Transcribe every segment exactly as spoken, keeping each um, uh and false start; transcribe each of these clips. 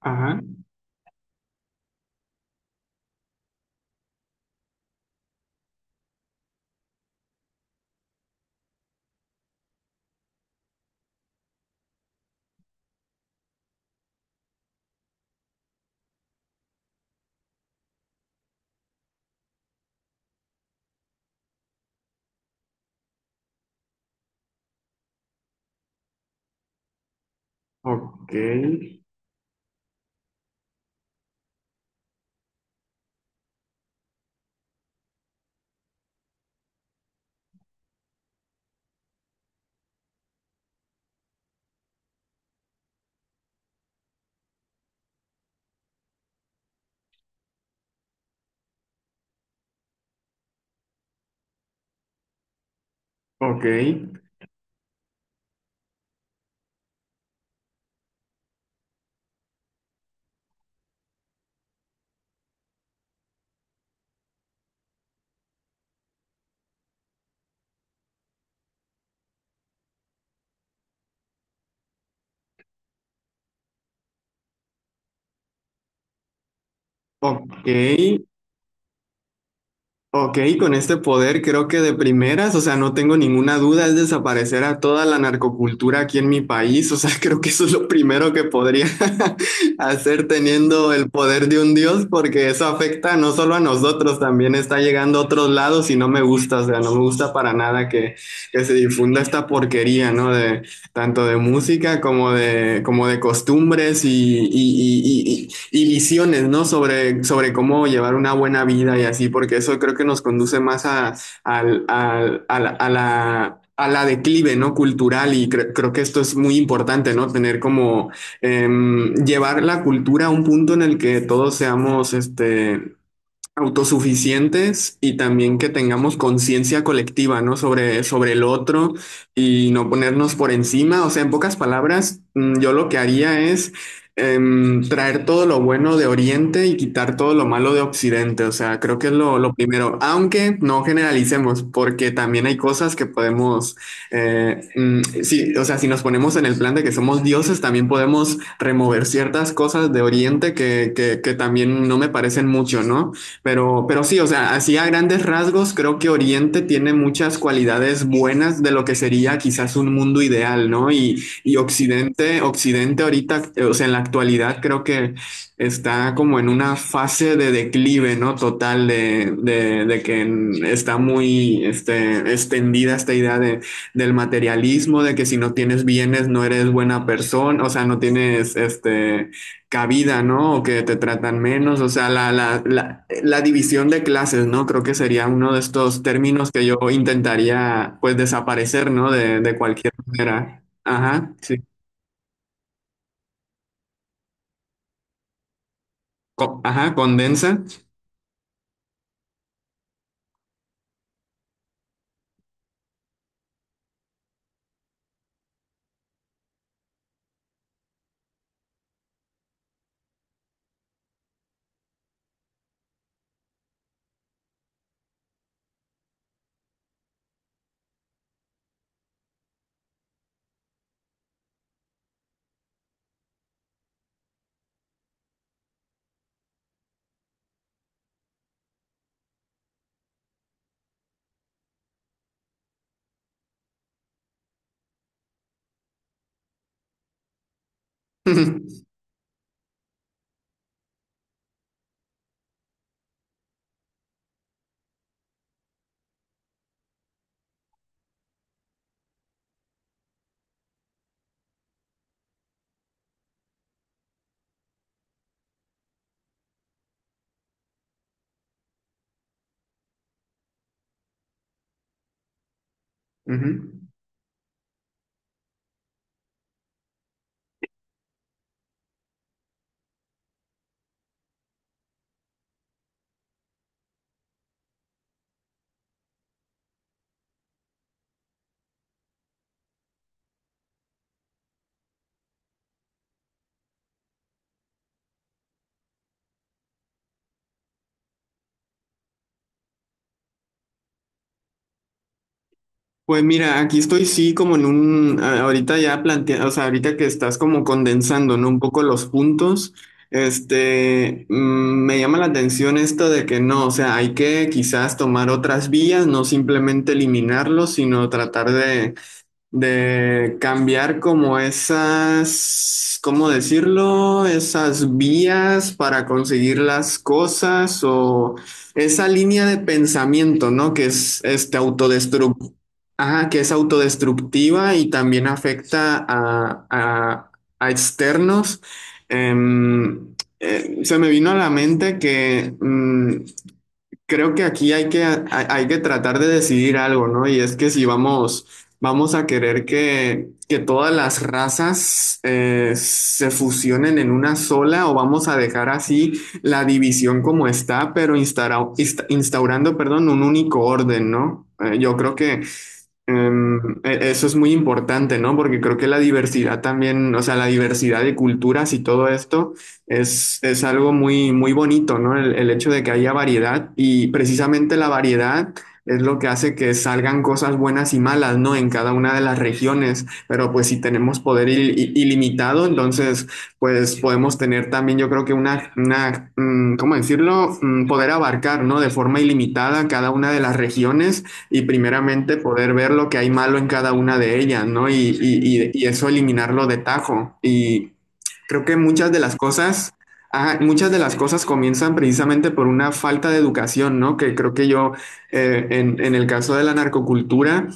Ajá. Ok, ok, ok, ok, con este poder creo que de primeras, o sea, no tengo ninguna duda, es desaparecer a toda la narcocultura aquí en mi país, o sea, creo que eso es lo primero que podría hacer teniendo el poder de un dios, porque eso afecta no solo a nosotros, también está llegando a otros lados y no me gusta, o sea, no me gusta para nada que, que se difunda esta porquería, ¿no? De, tanto de música como de, como de costumbres y, y- y- y- y visiones, ¿no? Sobre, sobre cómo llevar una buena vida y así, porque eso creo que nos conduce más a, al- al- a la, a la- a la declive, ¿no? Cultural y cre- creo que esto es muy importante, ¿no? Tener como em, llevar la cultura a un punto en el que todos seamos, este, autosuficientes y también que tengamos conciencia colectiva, ¿no? Sobre, sobre el otro y no ponernos por encima. O sea, en pocas palabras, mm, yo lo que haría es em, traer todo lo bueno de Oriente y quitar todo lo malo de Occidente. O sea, creo que es lo, lo primero, aunque no generalicemos, porque también hay cosas que podemos, eh, mm, sí, o sea, si nos ponemos en el plan de que somos dioses, también podemos remover ciertas cosas de Oriente que, que, que también no me parecen mucho, ¿no? Pero, pero sí, o sea, así a grandes rasgos, creo que Oriente tiene muchas cualidades buenas de lo que sería quizás un mundo ideal, ¿no? Y, y Occidente, Occidente ahorita, eh, o sea, en la actualidad creo que está como en una fase de declive, ¿no? Total de, de, de que en- está muy este, extendida esta idea de, del materialismo, de que si no tienes bienes no eres buena persona, o sea, no tienes este cabida, ¿no? O que te tratan menos, o sea, la, la, la, la división de clases, ¿no? Creo que sería uno de estos términos que yo intentaría, pues, desaparecer, ¿no? De, de cualquier manera. Ajá, sí. Co- ajá, condensa. Ujú. Pues mira, aquí estoy sí como en un, a- ahorita ya plantea, o sea, ahorita que estás como condensando, ¿no? Un poco los puntos, este, mm, me llama la atención esto de que no, o sea, hay que quizás tomar otras vías, no simplemente eliminarlos, sino tratar de de cambiar como esas, ¿cómo decirlo? Esas vías para conseguir las cosas o esa línea de pensamiento, ¿no? Que es este autodestructiva. Ajá, que es autodestructiva y también afecta a, a- a externos. Em, eh, se me vino a la mente que mm, creo que aquí hay que, hay, hay que tratar de decidir algo, ¿no? Y es que si vamos, vamos a querer que, que todas las razas eh, se fusionen en una sola o vamos a dejar así la división como está, pero instaura- insta- instaurando, perdón, un único orden, ¿no? Eh, yo creo que Em, e- eso es muy importante, ¿no? Porque creo que la diversidad también, o sea, la diversidad de culturas y todo esto es, es algo muy, muy bonito, ¿no? El, el hecho de que haya variedad y precisamente la variedad es lo que hace que salgan cosas buenas y malas, ¿no? En cada una de las regiones, pero pues si tenemos poder il- i- ilimitado, entonces pues podemos tener también, yo creo que una, una, mm, ¿cómo decirlo? Mm, Poder abarcar, ¿no? De forma ilimitada cada una de las regiones y primeramente poder ver lo que hay malo en cada una de ellas, ¿no? Y, y, y, y eso eliminarlo de tajo. Y creo que muchas de las cosas, ah, muchas de las cosas comienzan precisamente por una falta de educación, ¿no? Que creo que yo, eh, en, en el caso de la narcocultura,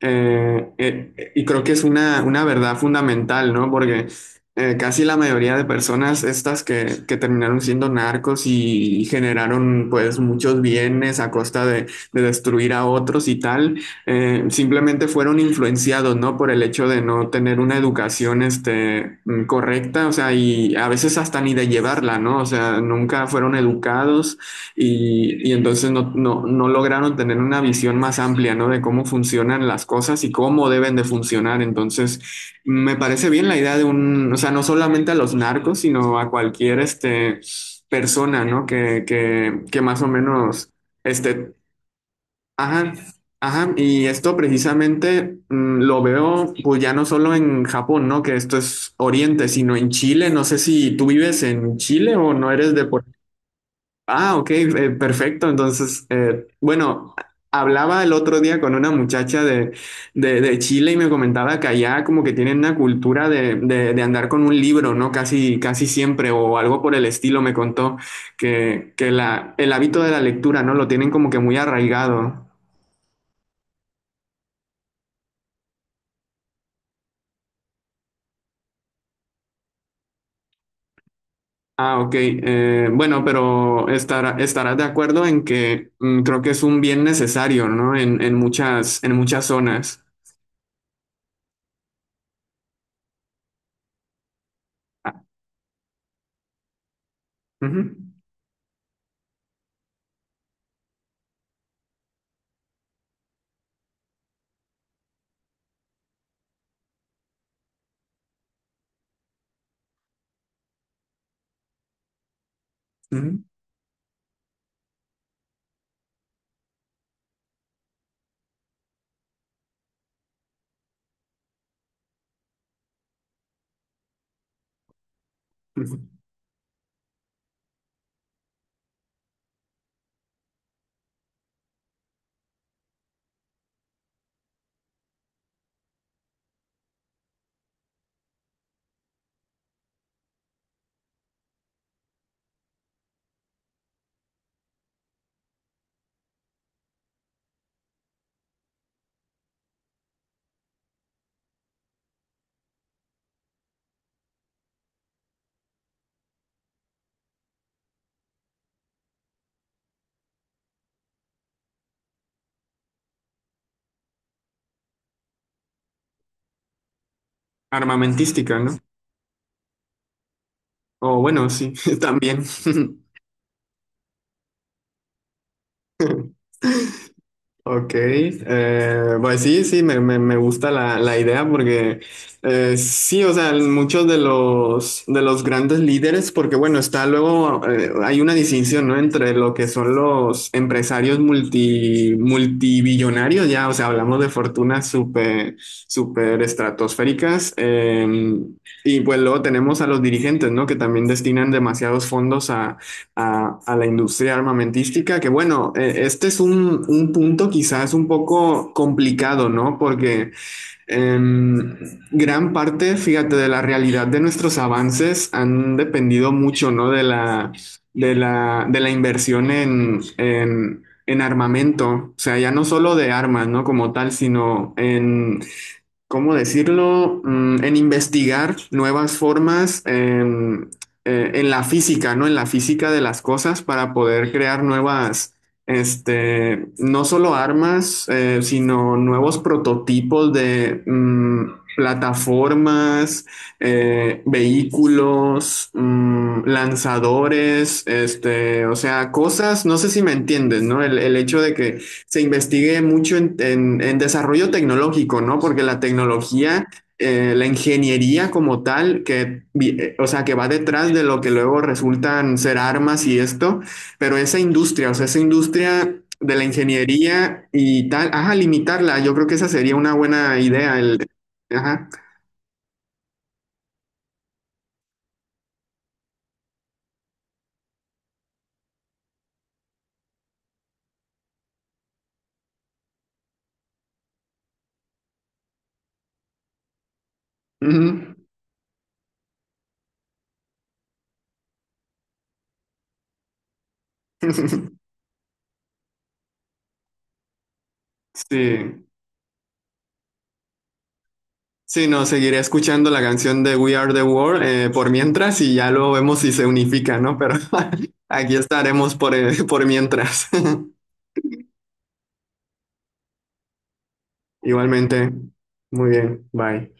eh, eh, y creo que es una, una verdad fundamental, ¿no? Porque eh, casi la mayoría de personas estas que, que terminaron siendo narcos y generaron pues muchos bienes a costa de, de destruir a otros y tal, eh, simplemente fueron influenciados, ¿no? Por el hecho de no tener una educación, este, mm, correcta, o sea, y a veces hasta ni de llevarla, ¿no? O sea, nunca fueron educados y, y entonces no, no, no lograron tener una visión más amplia, ¿no? De cómo funcionan las cosas y cómo deben de funcionar. Entonces, me parece bien la idea de un, o sea, no solamente a los narcos, sino a cualquier, este, persona, ¿no? Que, que, que más o menos este, ajá, ajá, y esto precisamente mm, lo veo pues ya no solo en Japón, ¿no? Que esto es Oriente, sino en Chile. No sé si tú vives en Chile o no eres de por... Ah, ok, eh, perfecto. Entonces, eh, bueno, hablaba el otro día con una muchacha de, de, de Chile y me comentaba que allá como que tienen una cultura de, de, de andar con un libro, ¿no? Casi, casi siempre o algo por el estilo, me contó que, que la, el hábito de la lectura, ¿no? Lo tienen como que muy arraigado. Ah, ok. Eh, bueno, pero estará, estarás de acuerdo en que mm, creo que es un bien necesario, ¿no? En, en muchas, en muchas zonas. Ah, ujú, ujú, ujú. Armamentística, ¿no? O bueno, sí, también. Ok, eh, pues sí, sí, me, me- me gusta la, la idea porque eh, sí, o sea, muchos de los, de los grandes líderes, porque bueno, está luego, eh, hay una distinción, ¿no? Entre lo que son los empresarios multi, multibillonarios, ya, o sea, hablamos de fortunas súper, súper estratosféricas, eh, y pues luego tenemos a los dirigentes, ¿no? Que también destinan demasiados fondos a, a la industria armamentística, que bueno, eh, este es un, un punto quizás un poco complicado, ¿no? Porque em, gran parte, fíjate, de la realidad de nuestros avances han dependido mucho, ¿no? De la, de la, de la inversión en, en, en armamento, o sea, ya no solo de armas, ¿no? Como tal, sino en ¿cómo decirlo? Mm, en investigar nuevas formas en, eh, en la física, ¿no? En la física de las cosas para poder crear nuevas, este, no solo armas, eh, sino nuevos prototipos de mm, plataformas, eh, vehículos, mm, lanzadores, este, o sea, cosas, no sé si me entiendes, ¿no? El, el hecho de que se investigue mucho en, en- en desarrollo tecnológico, ¿no? Porque la tecnología, eh, la ingeniería como tal, que, eh, o sea, que va detrás de lo que luego resultan ser armas y esto, pero esa industria, o sea, esa industria de la ingeniería y tal, ajá, limitarla, yo creo que esa sería una buena idea, el, ajá. Ujú. Sí. Sí, no, seguiré escuchando la canción de We Are the World eh, por mientras y ya luego vemos si se unifica, ¿no? Pero aquí estaremos por, eh, por mientras. Igualmente. Muy bien, bye.